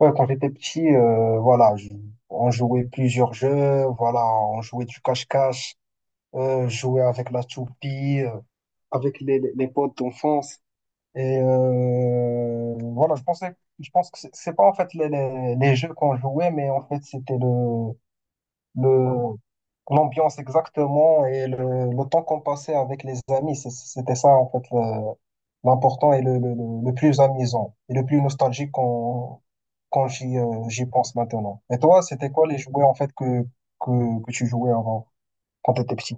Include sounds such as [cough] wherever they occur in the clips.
Ouais, quand j'étais petit, voilà, on jouait plusieurs jeux, voilà, on jouait du cache-cache, jouait avec la toupie, avec les potes d'enfance. Et voilà, je pense que c'est pas en fait les jeux qu'on jouait, mais en fait c'était le, l'ambiance exactement et le temps qu'on passait avec les amis. C'était ça, en fait, l'important et le plus amusant et le plus nostalgique quand j'y pense maintenant. Et toi, c'était quoi les jouets, en fait, que tu jouais avant, quand tu étais petit?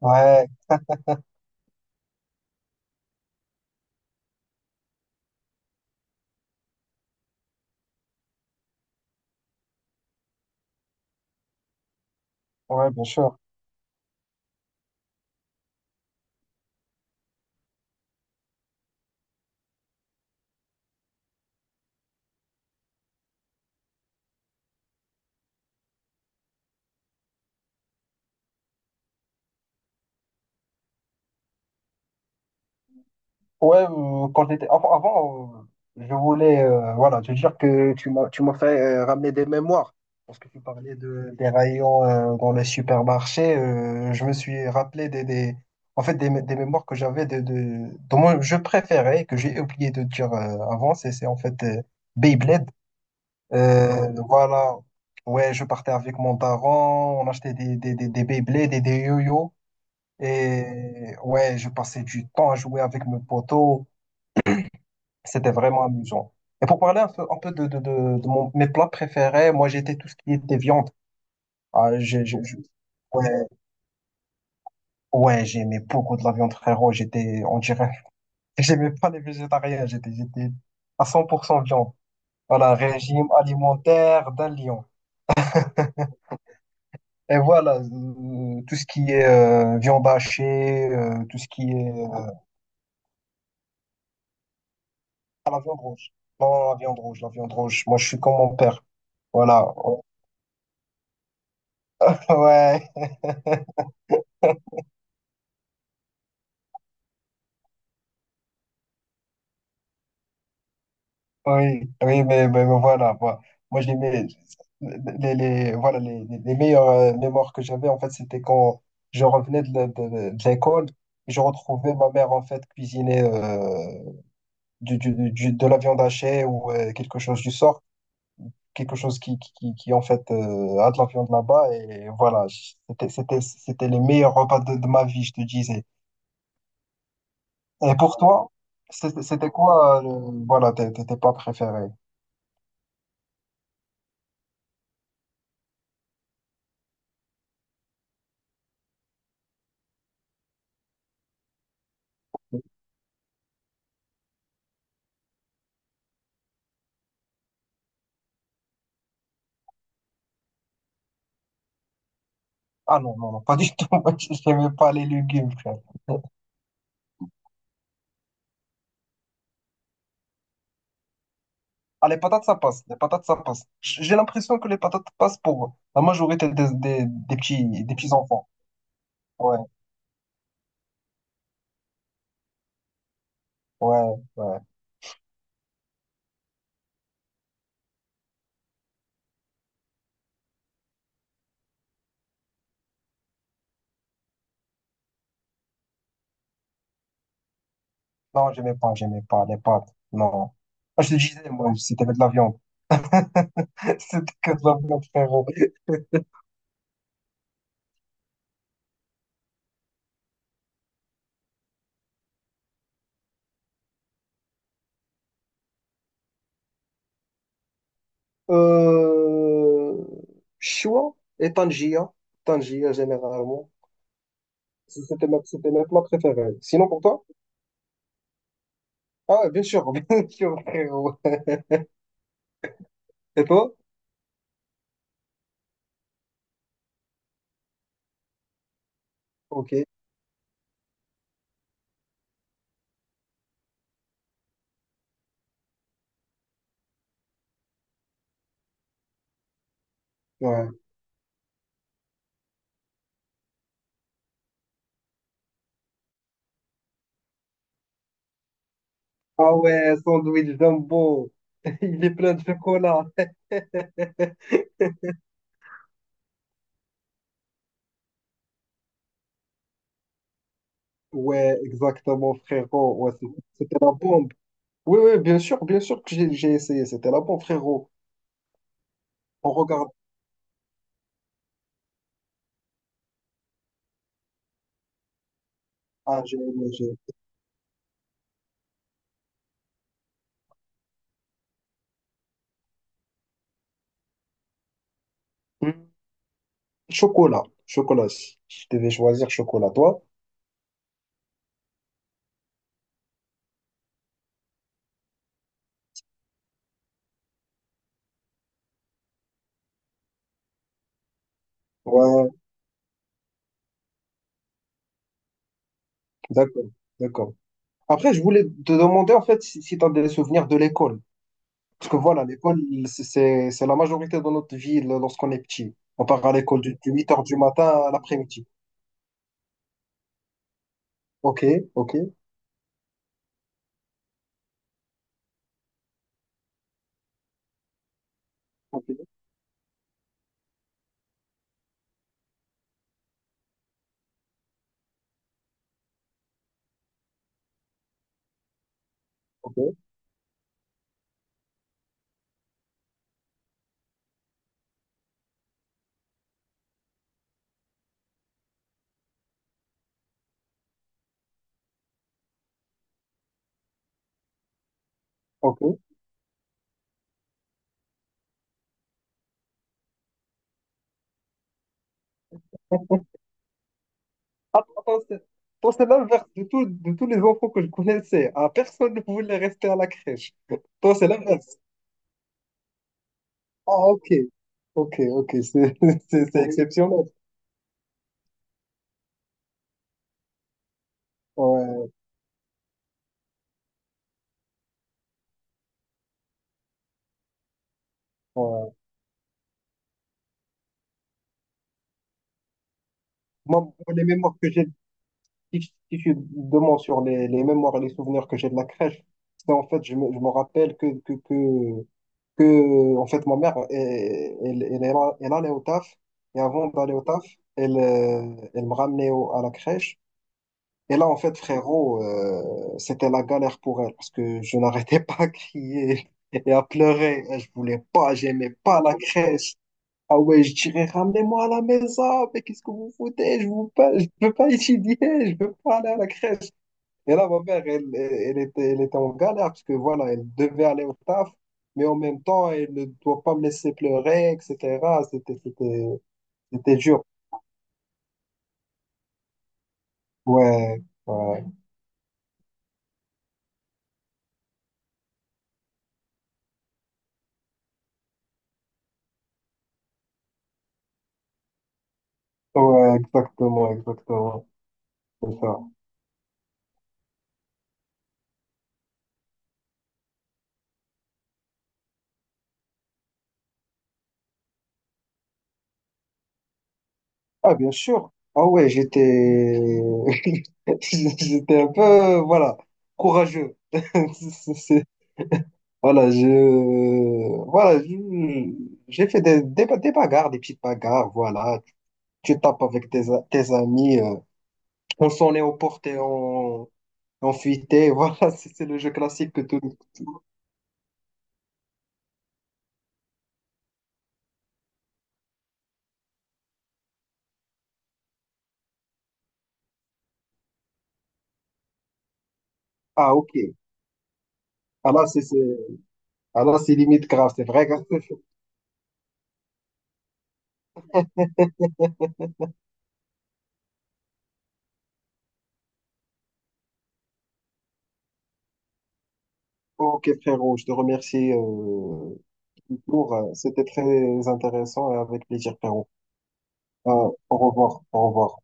Ouais, ouais, bien sûr. Ouais, quand j'étais avant, je voulais voilà te dire que tu m'as fait ramener des mémoires parce que tu parlais de des rayons dans les supermarchés. Je me suis rappelé des en fait des mémoires que j'avais de dont moi, je préférais que j'ai oublié de dire avant. C'est en fait Beyblade. Voilà. Ouais, je partais avec mon daron, on achetait des Beyblades et des yo-yo. Et ouais, je passais du temps à jouer avec mes potos. C'était vraiment amusant. Et pour parler un peu de mes plats préférés, moi j'étais tout ce qui était viande. Ah, j'ai- ouais, ouais, j'aimais beaucoup de la viande, frérot. J'étais, on dirait, [laughs] j'aimais pas les végétariens. J'étais à 100% viande. Voilà, régime alimentaire d'un lion. [laughs] Et voilà, tout ce qui est viande hachée, tout ce qui est ah, la viande rouge. Non, la viande rouge. Moi, je suis comme mon père. Voilà. [laughs] Ouais, oui, oui, mais voilà, moi voilà, les meilleures mémoires que j'avais, en fait, c'était quand je revenais de l'école, je retrouvais ma mère, en fait, cuisiner de la viande hachée ou quelque chose du sort, quelque chose qui, en fait, a de la viande là-bas, et voilà, c'était les meilleurs repas de ma vie, je te disais. Et pour toi, c'était quoi, voilà, tes plats préférés? Ah non, non, non, pas du tout. [laughs] Moi, j'aime pas les légumes, frère. Ah, les patates, ça passe. Les patates, ça passe. [laughs] J'ai l'impression que les patates passent pour la majorité des petits enfants. Ouais, ouais, ouais. Non, j'aimais pas les pâtes. Non. Ah, je te disais, moi, c'était de la viande. [laughs] C'était que de la viande, frérot. Euh... Choua et Tangia. Tangia, généralement. C'était mes plats préférés. Sinon, pour toi? Ah, ouais, bien sûr, [laughs] bien sûr, frérot. Et toi? Ok. Ouais. Ah ouais, sandwich jumbo. [laughs] Il est plein de chocolat. Ouais, exactement, frérot. C'était la bombe. Oui, oui, bien sûr que j'ai essayé. C'était la bombe, frérot. On regarde. Ah, hmm. Chocolat. Chocolat. Si je devais choisir chocolat, toi? Ouais, d'accord, d'accord. Après, je voulais te demander, en fait, si, tu as des souvenirs de l'école. Parce que voilà, l'école, c'est la majorité de notre vie lorsqu'on est petit. On part à l'école de huit heures du matin à l'après-midi. Ok, ok. Ok. Ok, ok. Attends, c'est l'inverse de, de tous les enfants que je connaissais, hein. Personne ne voulait rester à la crèche. Toi, c'est l'inverse. Ah, ok. Ok, ok, c'est [laughs] c'est exceptionnel. Ouais, ouais. Moi, les mémoires que j'ai, si je suis sur les mémoires et les souvenirs que j'ai de la crèche, c'est en fait, je me rappelle en fait, ma mère, elle allait au taf, et avant d'aller au taf, elle, elle me ramenait à la crèche. Et là, en fait, frérot, c'était la galère pour elle parce que je n'arrêtais [laughs] pas à crier et à pleurer. Je voulais pas, j'aimais pas la crèche. Ah ouais, je dirais, ramenez-moi à la maison, mais qu'est-ce que vous foutez? Je veux pas étudier, je veux pas aller à la crèche. Et là, ma mère, elle était en galère parce que voilà, elle devait aller au taf, mais en même temps, elle ne doit pas me laisser pleurer, etc. C'était dur. Ouais, ouais, ouais, exactement, exactement. C'est ça. Ah, bien sûr. Ah ouais, j'étais [laughs] j'étais un peu voilà, courageux. [laughs] C'est- c'est- voilà, voilà, je- j'ai fait des bagarres, des petites bagarres, voilà. Tu tapes avec tes, tes amis, on s'en est aux portes, porté, on fuitait, [laughs] voilà, c'est le jeu classique que tout. Ah, ok. Ah là, c'est c'est- ah là, c'est limite grave, c'est vrai. [laughs] Ok, frérot, je te remercie. Pour, c'était très intéressant et avec plaisir, Pierrot. Au revoir, au revoir.